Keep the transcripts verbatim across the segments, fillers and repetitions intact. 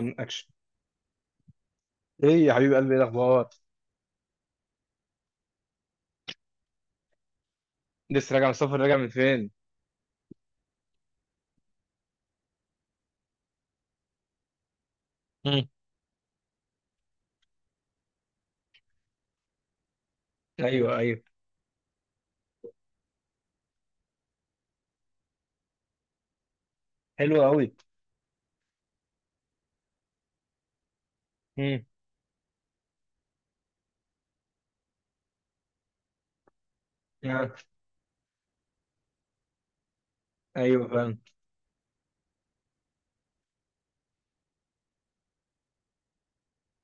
من اكشن، ايه يا حبيب قلبي؟ ايه الاخبار؟ لسه راجع من السفر؟ راجع من فين؟ مم. ايوه ايوه حلو قوي مم. ايوه فاهم.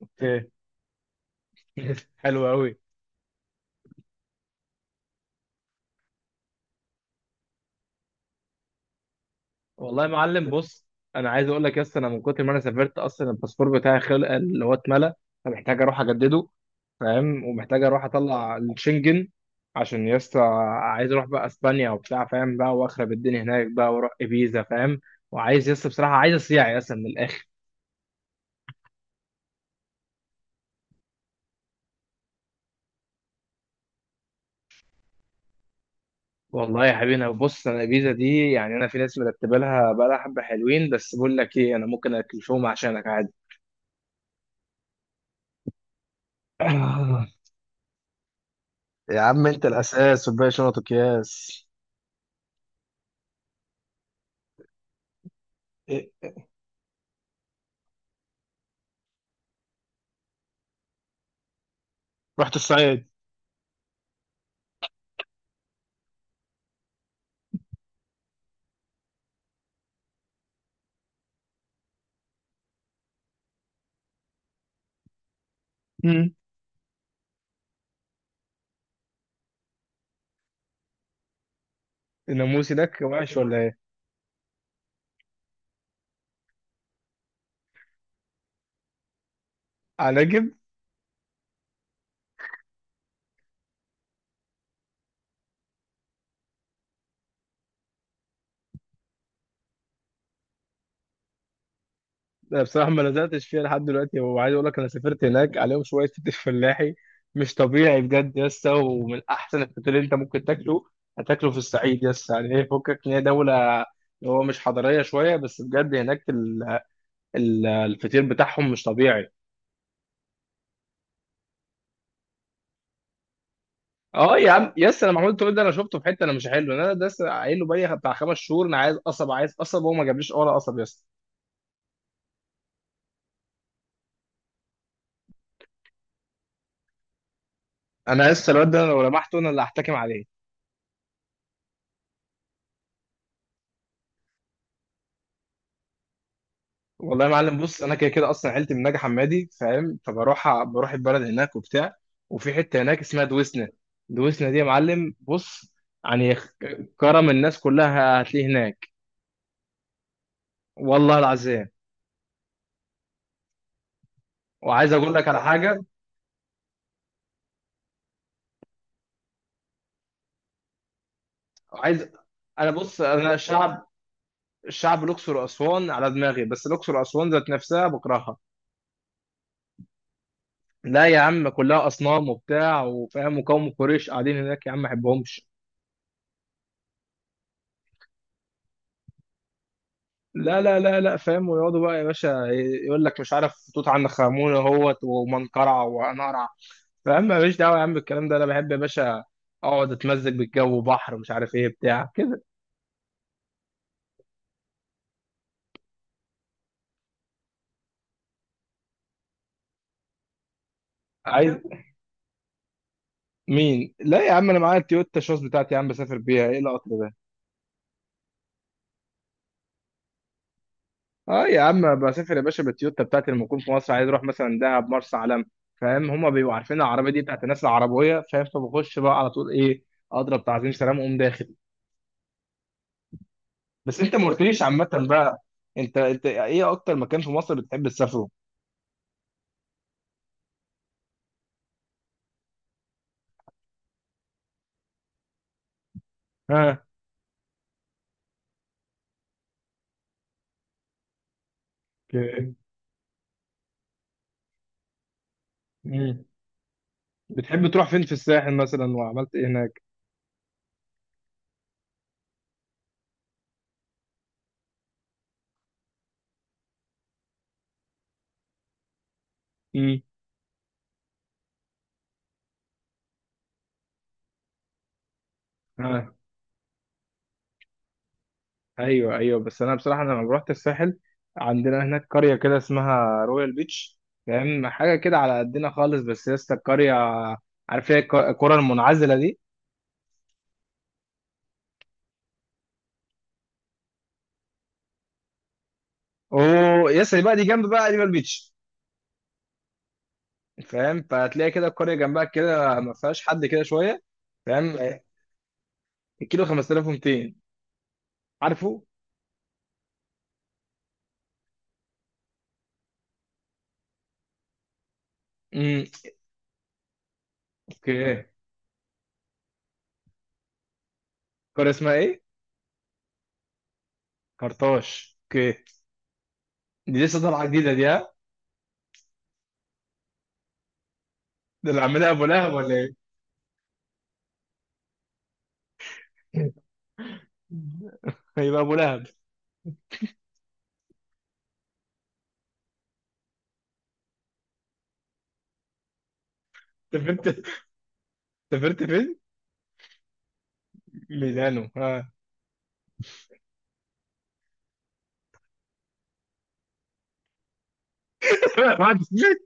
اوكي. حلو قوي. والله يا معلم بص، انا عايز اقول لك يا اسطى، انا من كتر ما انا سافرت اصلا الباسبور بتاعي خلق، اللي هو اتملى، فمحتاج اروح اجدده، فاهم، ومحتاج اروح اطلع الشنجن، عشان يا اسطى عايز اروح بقى اسبانيا وبتاع، فاهم، بقى واخرب الدنيا هناك بقى، واروح ابيزا، فاهم، وعايز يا اسطى بصراحه، عايز اصيع يا اسطى من الاخر. والله يا حبيبي انا بص، انا الفيزا دي يعني انا في ناس مرتبه لها بقى، لها حبه حلوين، بس بقول لك ايه، انا ممكن اكلفهم عشانك عادي. آه، يا عم انت الاساس والباقي شنط وكياس. إيه؟ رحت الصعيد. مم. الناموس هناك وحش ولا ايه؟ عناجب. أنا بصراحه ما لزقتش فيها لحد دلوقتي، وعايز اقول لك انا سافرت هناك، عليهم شويه فطير فلاحي مش طبيعي بجد يا اسطى، ومن احسن الفطير اللي انت ممكن تاكله هتاكله في الصعيد يا اسطى. يعني ايه، فكك ان هي دوله اللي هو مش حضاريه شويه، بس بجد هناك ال- الفطير بتاعهم مش طبيعي. اه يا عم يس، انا محمود تقول ده، انا شفته في حته، انا مش حلو، انا ده لسه قايل له بقالي بتاع خمس شهور، انا عايز قصب عايز قصب، وهو ما جابليش ولا قصب يس. انا لسه الواد ده، أنا لو لمحته انا اللي هحتكم عليه. والله يا معلم بص، انا كده كده اصلا عيلتي من نجع حمادي، فاهم، فبروح بروح البلد هناك وبتاع. وفي حته هناك اسمها دويسنا. دويسنا دي يا معلم بص، يعني خ- كرم الناس كلها هتلاقيه هناك. والله العظيم. وعايز اقول لك على حاجه، وعايز انا بص انا شعب، الشعب الأقصر وأسوان على دماغي، بس الأقصر وأسوان ذات نفسها بكرهها. لا يا عم، كلها أصنام وبتاع وفاهم، وقوم قريش قاعدين هناك يا عم، ما بحبهمش. لا لا لا لا فاهم، ويقعدوا بقى يا باشا، يقول لك مش عارف توت عنخ آمون اهوت ومنقرع ونقرع، فاهم، ماليش دعوة يا عم بالكلام ده. أنا بحب يا باشا أقعد أتمزج بالجو، بحر، مش عارف إيه بتاع كده. عايز مين؟ لا يا عم، أنا معايا التويوتا شوز بتاعتي يا عم، بسافر بيها، إيه القطر ده؟ اه يا عم، بسافر يا باشا بالتويوتا بتاعتي، لما اكون في مصر عايز اروح مثلا دهب مرسى علم، فاهم، هما بيبقوا عارفين العربيه دي بتاعت الناس العربويه، فاهم، فبخش بقى على طول، ايه، اضرب تعظيم سلام واقوم داخل. بس انت ما قلتليش عامه بقى، انت انت ايه اكتر مكان في مصر بتحب تسافره؟ ها. اوكي. مم. بتحب تروح فين في الساحل مثلا، وعملت ايه هناك؟ امم. ايوه ايوه، بس انا بصراحه انا لما رحت الساحل، عندنا هناك قريه كده اسمها رويال بيتش، فاهم، حاجه كده على قدنا خالص، بس يا اسطى القريه، عارف هي الك- القرى المنعزله دي. اوه يا اسطى، بقى دي جنب بقى رويال بيتش، فاهم، فهتلاقي كده القريه جنبها كده ما فيهاش حد كده شويه، فاهم، الكيلو خمسة آلاف ومئتين، عارفه. امم. اوكي. القريه اسمها ايه؟ كرطاش. اوكي. دي لسه طالعه جديده دي، ها؟ ده اللي عاملها ابو لهب ولا ايه؟ هيبقى ابو لهب. سافرت، سافرت فين؟ ميلانو، ها؟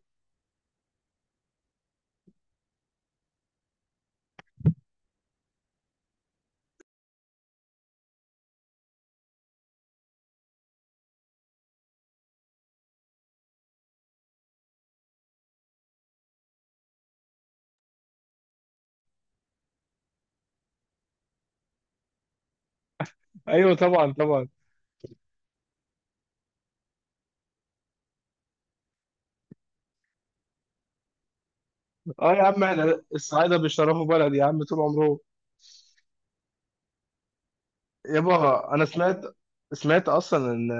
ايوه طبعا طبعا. اه يا عم، احنا الصعايده بيشرفوا بلد يا عم طول عمرهم. يابا انا سمعت، سمعت اصلا ان،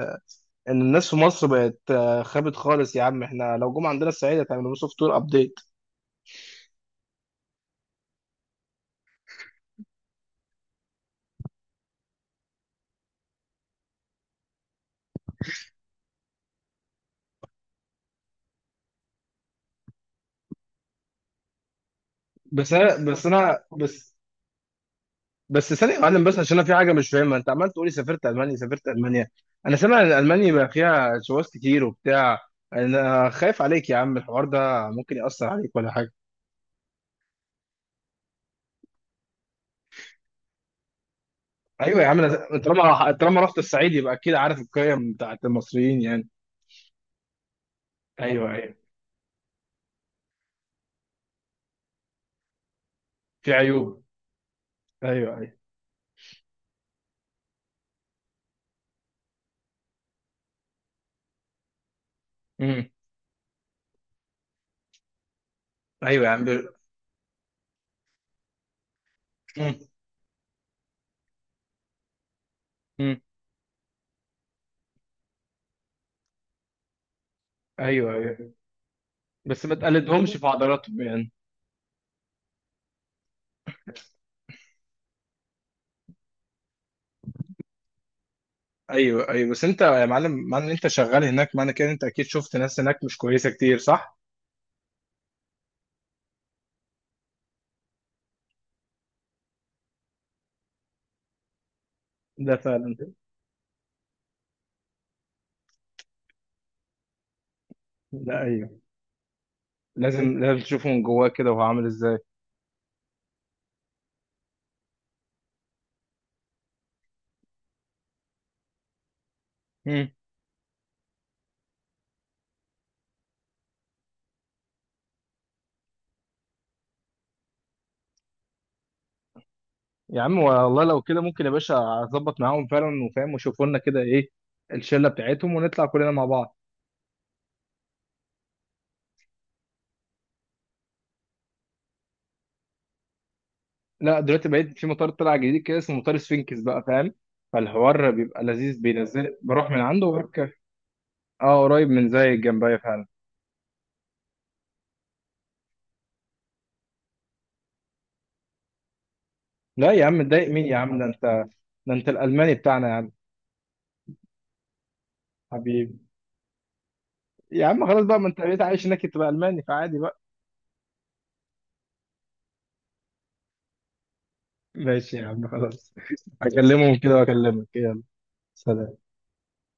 ان الناس في مصر بقت آه، خابت خالص يا عم، احنا لو جم عندنا الصعيد هتعملوا سوفت وير ابديت. بس انا بس انا بس بس ثانيه يا معلم، بس عشان انا في حاجه مش فاهمها، انت عمال تقولي سافرت المانيا سافرت المانيا، انا سامع ان المانيا بقى فيها شواذ كتير وبتاع، انا خايف عليك يا عم، الحوار ده ممكن ياثر عليك ولا حاجه. ايوه يا عم، أنا طالما طالما رحت الصعيد يبقى اكيد عارف القيم بتاعت المصريين يعني. ايوه ايوه. في عيوب. ايوه ايوه. امم. ايوه يا عم ب- امم. أمم. ايوه ايوه، بس ما تقلدهمش في عضلاتهم يعني. ايوه ايوه، بس انت يا معلم، معنى ان انت شغال هناك معنى كده إن انت اكيد شفت ناس هناك مش كويسه كتير، صح؟ ده فعلا. لا ايوه، لازم لازم تشوفه من جواه كده، وهو عامل ازاي. مم. يا عم والله لو كده ممكن يا باشا اظبط معاهم فعلا، وفاهم، وشوفوا لنا كده ايه الشله بتاعتهم، ونطلع كلنا مع بعض. لا دلوقتي بقيت في مطار طلع جديد كده اسمه مطار سفينكس بقى، فاهم، فالحوار بيبقى لذيذ، بينزل بروح من عنده وبركب. اه قريب، من زي جنبيا فعلا. لا يا عم، تضايق مين يا عم؟ ده انت، ده انت الالماني بتاعنا يا عم. حبيبي. يا عم خلاص بقى، ما انت بقيت عايش هناك تبقى الماني، فعادي بقى. ماشي يا عم خلاص. هكلمهم كده واكلمك، يلا سلام.